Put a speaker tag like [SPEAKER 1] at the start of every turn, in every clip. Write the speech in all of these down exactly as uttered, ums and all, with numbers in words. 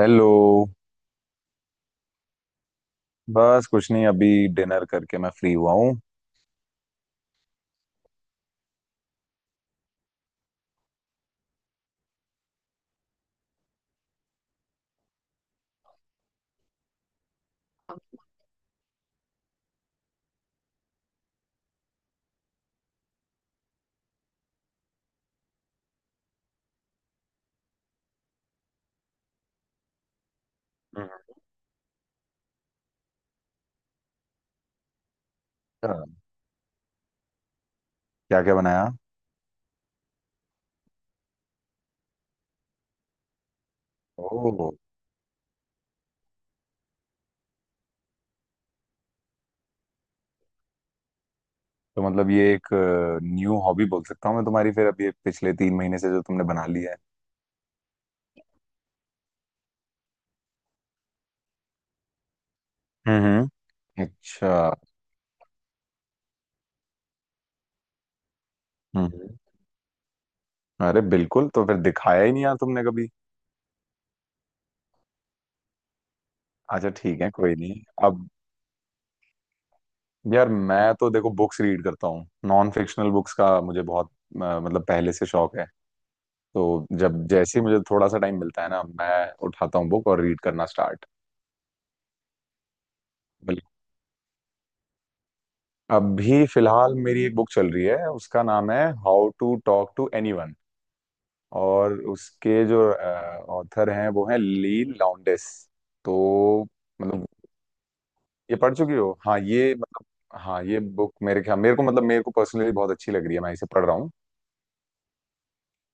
[SPEAKER 1] Hello. बस कुछ नहीं अभी डिनर करके मैं फ्री हुआ हूँ। क्या क्या बनाया। ओह। तो मतलब ये एक न्यू हॉबी बोल सकता हूँ मैं तुम्हारी फिर अभी ये पिछले तीन महीने से जो तुमने बना ली है। हम्म। अच्छा। हम्म। अरे बिल्कुल तो फिर दिखाया ही नहीं यार तुमने कभी। अच्छा ठीक है कोई नहीं अब। यार मैं तो देखो बुक्स रीड करता हूँ नॉन फिक्शनल बुक्स का मुझे बहुत अ, मतलब पहले से शौक है। तो जब जैसे ही मुझे थोड़ा सा टाइम मिलता है ना मैं उठाता हूँ बुक और रीड करना स्टार्ट। अभी फिलहाल मेरी एक बुक चल रही है उसका नाम है how to talk to anyone. और उसके जो ऑथर हैं वो हैं ली लाउंडेस। तो मतलब ये पढ़ चुकी हो हाँ ये मतलब। हाँ ये बुक मेरे ख्याल मेरे को मतलब मेरे को पर्सनली बहुत अच्छी लग रही है मैं इसे पढ़ रहा हूँ।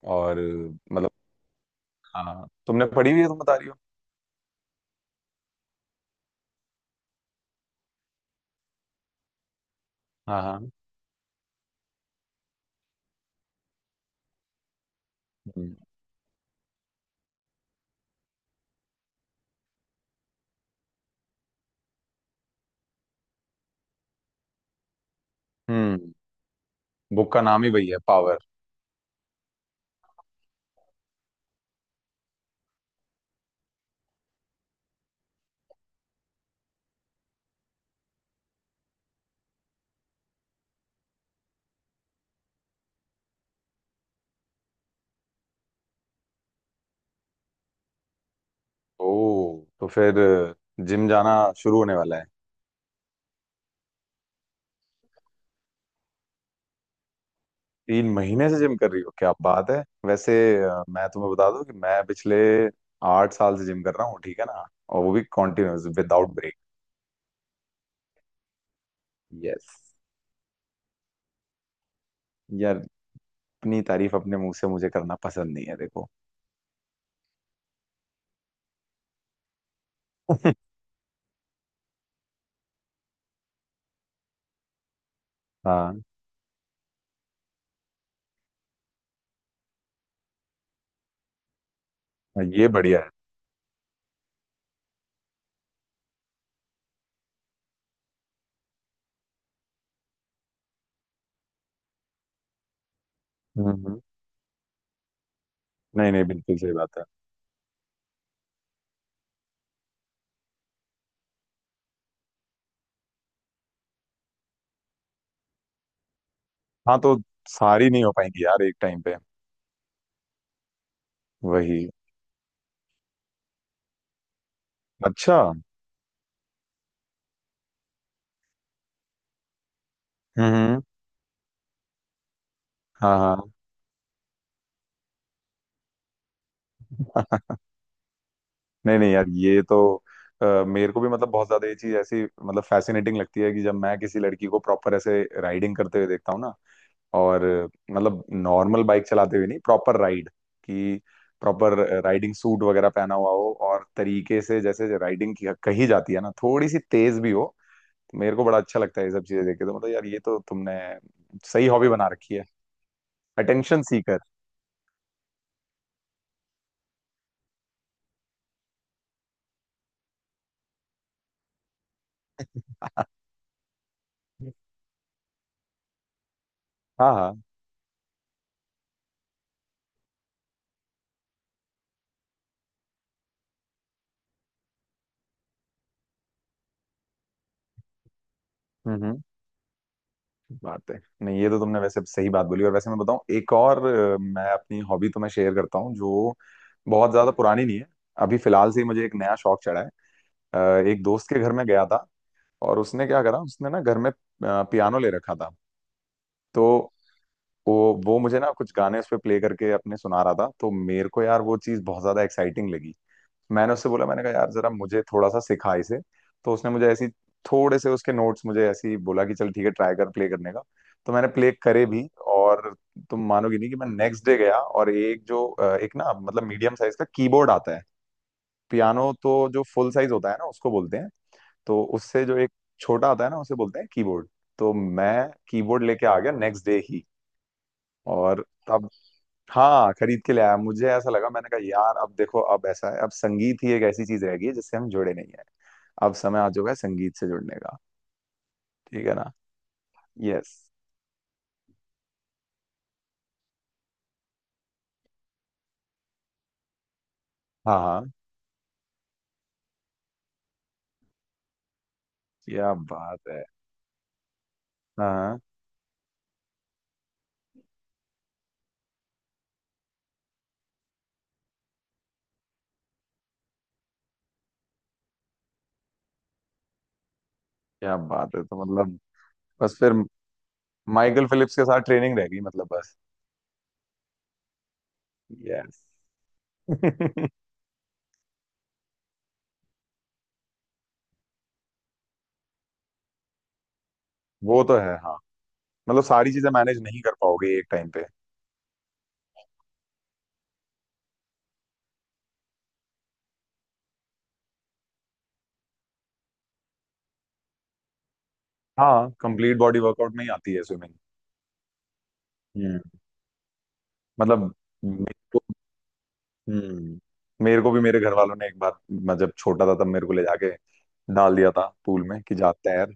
[SPEAKER 1] और मतलब हाँ तुमने पढ़ी हुई है तुम बता रही हो। हाँ हाँ। हम्म हम्म। बुक का नाम ही वही है पावर। ओ। तो फिर जिम जाना शुरू होने वाला है। तीन महीने से जिम कर रही हो क्या बात है वैसे। अ, मैं तुम्हें बता दूं कि मैं पिछले आठ साल से जिम कर रहा हूँ ठीक है ना और वो भी कॉन्टिन्यूस विदाउट ब्रेक। यस। यार अपनी तारीफ अपने मुंह से मुझे करना पसंद नहीं है देखो। हाँ। ये बढ़िया है। हम्म हम्म। नहीं नहीं बिल्कुल सही बात है। हाँ तो सारी नहीं हो पाएंगी यार एक टाइम पे। वही अच्छा। हम्म। हम्म, हाँ हाँ। नहीं नहीं यार ये तो अ, मेरे को भी मतलब बहुत ज्यादा ये चीज ऐसी मतलब फैसिनेटिंग लगती है कि जब मैं किसी लड़की को प्रॉपर ऐसे राइडिंग करते हुए देखता हूँ ना। और मतलब नॉर्मल बाइक चलाते हुए नहीं प्रॉपर राइड। कि प्रॉपर राइडिंग सूट वगैरह पहना हुआ हो और तरीके से जैसे राइडिंग की कही जाती है ना थोड़ी सी तेज भी हो। तो मेरे को बड़ा अच्छा लगता है ये सब चीजें देख के तो मतलब यार ये तो तुमने सही हॉबी बना रखी है। Attention seeker. हाँ हाँ। बात है नहीं ये तो तुमने वैसे सही बात बोली और वैसे मैं बताऊं एक और अ, मैं अपनी हॉबी तुम्हें शेयर करता हूँ जो बहुत ज्यादा पुरानी नहीं है। अभी फिलहाल से ही मुझे एक नया शौक चढ़ा है। अ, एक दोस्त के घर में गया था। और उसने क्या करा उसने ना घर में अ, पियानो ले रखा था। तो वो वो मुझे ना कुछ गाने उस पे प्ले करके अपने सुना रहा था तो मेरे को यार वो चीज़ बहुत ज्यादा एक्साइटिंग लगी। मैंने उससे बोला मैंने कहा यार जरा मुझे थोड़ा सा सिखा इसे। तो उसने मुझे ऐसी थोड़े से उसके नोट्स मुझे ऐसी बोला कि चल ठीक है ट्राई कर प्ले करने का। तो मैंने प्ले करे भी। और तुम मानोगी नहीं कि मैं नेक्स्ट डे गया और एक जो अ, एक ना मतलब मीडियम साइज का कीबोर्ड आता है। पियानो तो जो फुल साइज होता है ना उसको बोलते हैं। तो उससे जो एक छोटा आता है ना उसे बोलते हैं कीबोर्ड। तो मैं कीबोर्ड लेके आ गया नेक्स्ट डे ही। और तब हाँ खरीद के ले आया मुझे ऐसा लगा मैंने कहा यार अब देखो अब ऐसा है अब संगीत ही एक ऐसी चीज रह गई है जिससे हम जुड़े नहीं है। अब समय आ चुका है संगीत से जुड़ने का। ठीक है ना। यस। हाँ हाँ क्या बात है। हाँ हाँ, क्या बात है तो मतलब बस फिर माइकल फिलिप्स के साथ ट्रेनिंग रह गई मतलब बस। यस। वो तो है हाँ। मतलब सारी चीजें मैनेज नहीं कर पाओगे एक टाइम पे। हाँ कंप्लीट बॉडी वर्कआउट में ही आती है स्विमिंग। हम्म। मतलब हम्म मेरे को भी मेरे घर वालों ने एक बार मैं जब छोटा था तब मेरे को ले जाके डाल दिया था पूल में कि जा तैर।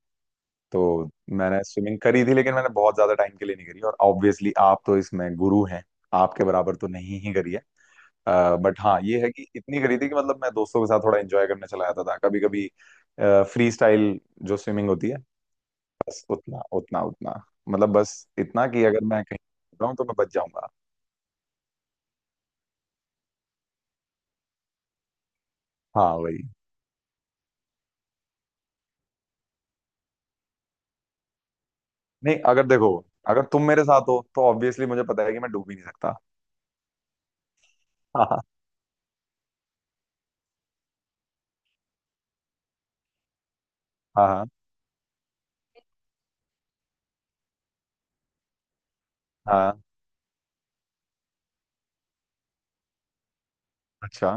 [SPEAKER 1] तो मैंने स्विमिंग करी थी लेकिन मैंने बहुत ज्यादा टाइम के लिए नहीं करी और ऑब्वियसली आप तो इसमें गुरु हैं आपके बराबर तो नहीं ही करी है। बट हाँ ये है कि इतनी करी थी कि मतलब मैं दोस्तों के साथ थोड़ा एंजॉय करने चला जाता था कभी कभी फ्री स्टाइल जो स्विमिंग होती है बस उतना उतना उतना मतलब बस इतना कि अगर मैं कहीं जाऊँ तो मैं बच जाऊंगा। हाँ वही। नहीं अगर देखो अगर तुम मेरे साथ हो तो ऑब्वियसली मुझे पता है कि मैं डूब ही नहीं सकता। हाँ हाँ हाँ हाँ, अच्छा।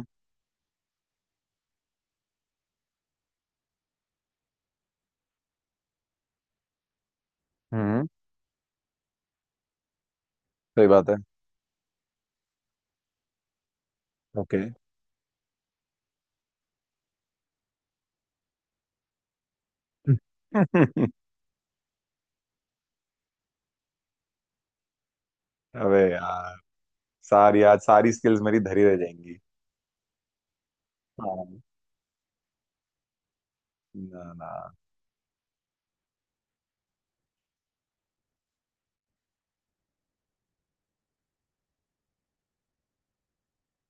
[SPEAKER 1] हम्म। सही बात है। ओके। अबे यार सारी आज सारी स्किल्स मेरी धरी रह जाएंगी। हाँ। ना ना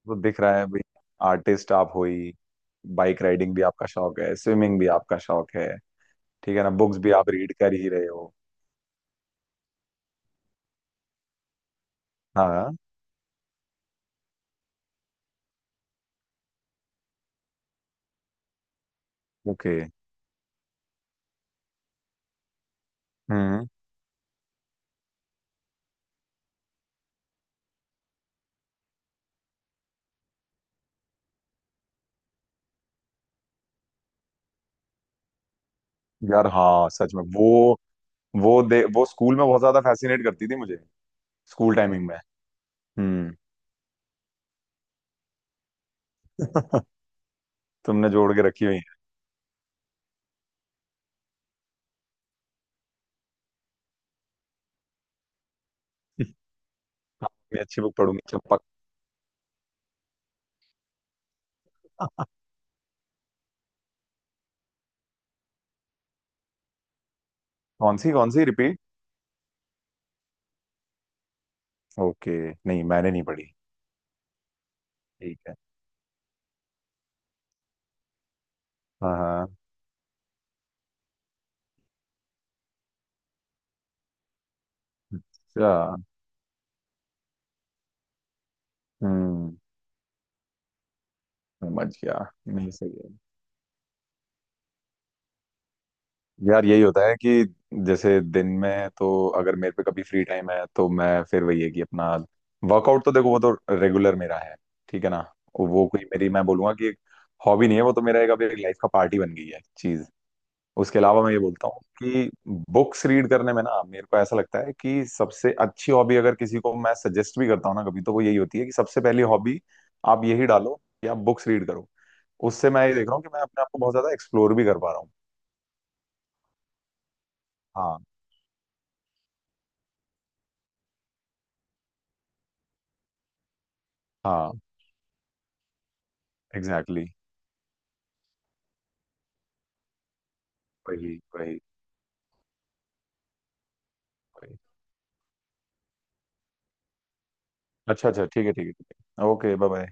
[SPEAKER 1] तो दिख रहा है भाई आर्टिस्ट आप हो ही। बाइक राइडिंग भी आपका शौक है स्विमिंग भी आपका शौक है ठीक है ना बुक्स भी आप रीड कर ही रहे हो। हाँ। ओके। हम्म। यार हाँ सच में वो वो दे वो स्कूल में बहुत ज्यादा फैसिनेट करती थी मुझे। स्कूल टाइमिंग में। हम्म। तुमने जोड़ के रखी हुई है। हाँ, मैं अच्छी बुक पढ़ूंगी चंपक। कौन सी कौन सी, रिपीट। ओके। नहीं मैंने नहीं पढ़ी। ठीक है। हाँ हाँ। अच्छा। हम्म। समझ गया। नहीं सही है। यार यही होता है कि जैसे दिन में तो अगर मेरे पे कभी फ्री टाइम है तो मैं फिर वही है कि अपना वर्कआउट तो देखो वो तो रेगुलर मेरा है ठीक है ना। वो कोई मेरी मैं बोलूंगा कि एक हॉबी नहीं है वो तो मेरा एक अब एक लाइफ का पार्ट ही बन गई है चीज। उसके अलावा मैं ये बोलता हूँ कि बुक्स रीड करने में ना मेरे को ऐसा लगता है कि सबसे अच्छी हॉबी अगर किसी को मैं सजेस्ट भी करता हूँ ना कभी तो वो यही होती है कि सबसे पहली हॉबी आप यही डालो कि आप बुक्स रीड करो। उससे मैं ये देख रहा हूँ कि मैं अपने आप को बहुत ज्यादा एक्सप्लोर भी कर पा रहा हूँ। हाँ हाँ एग्जैक्टली। वही वही वही। अच्छा अच्छा ठीक है ठीक है ठीक है ओके बाय बाय।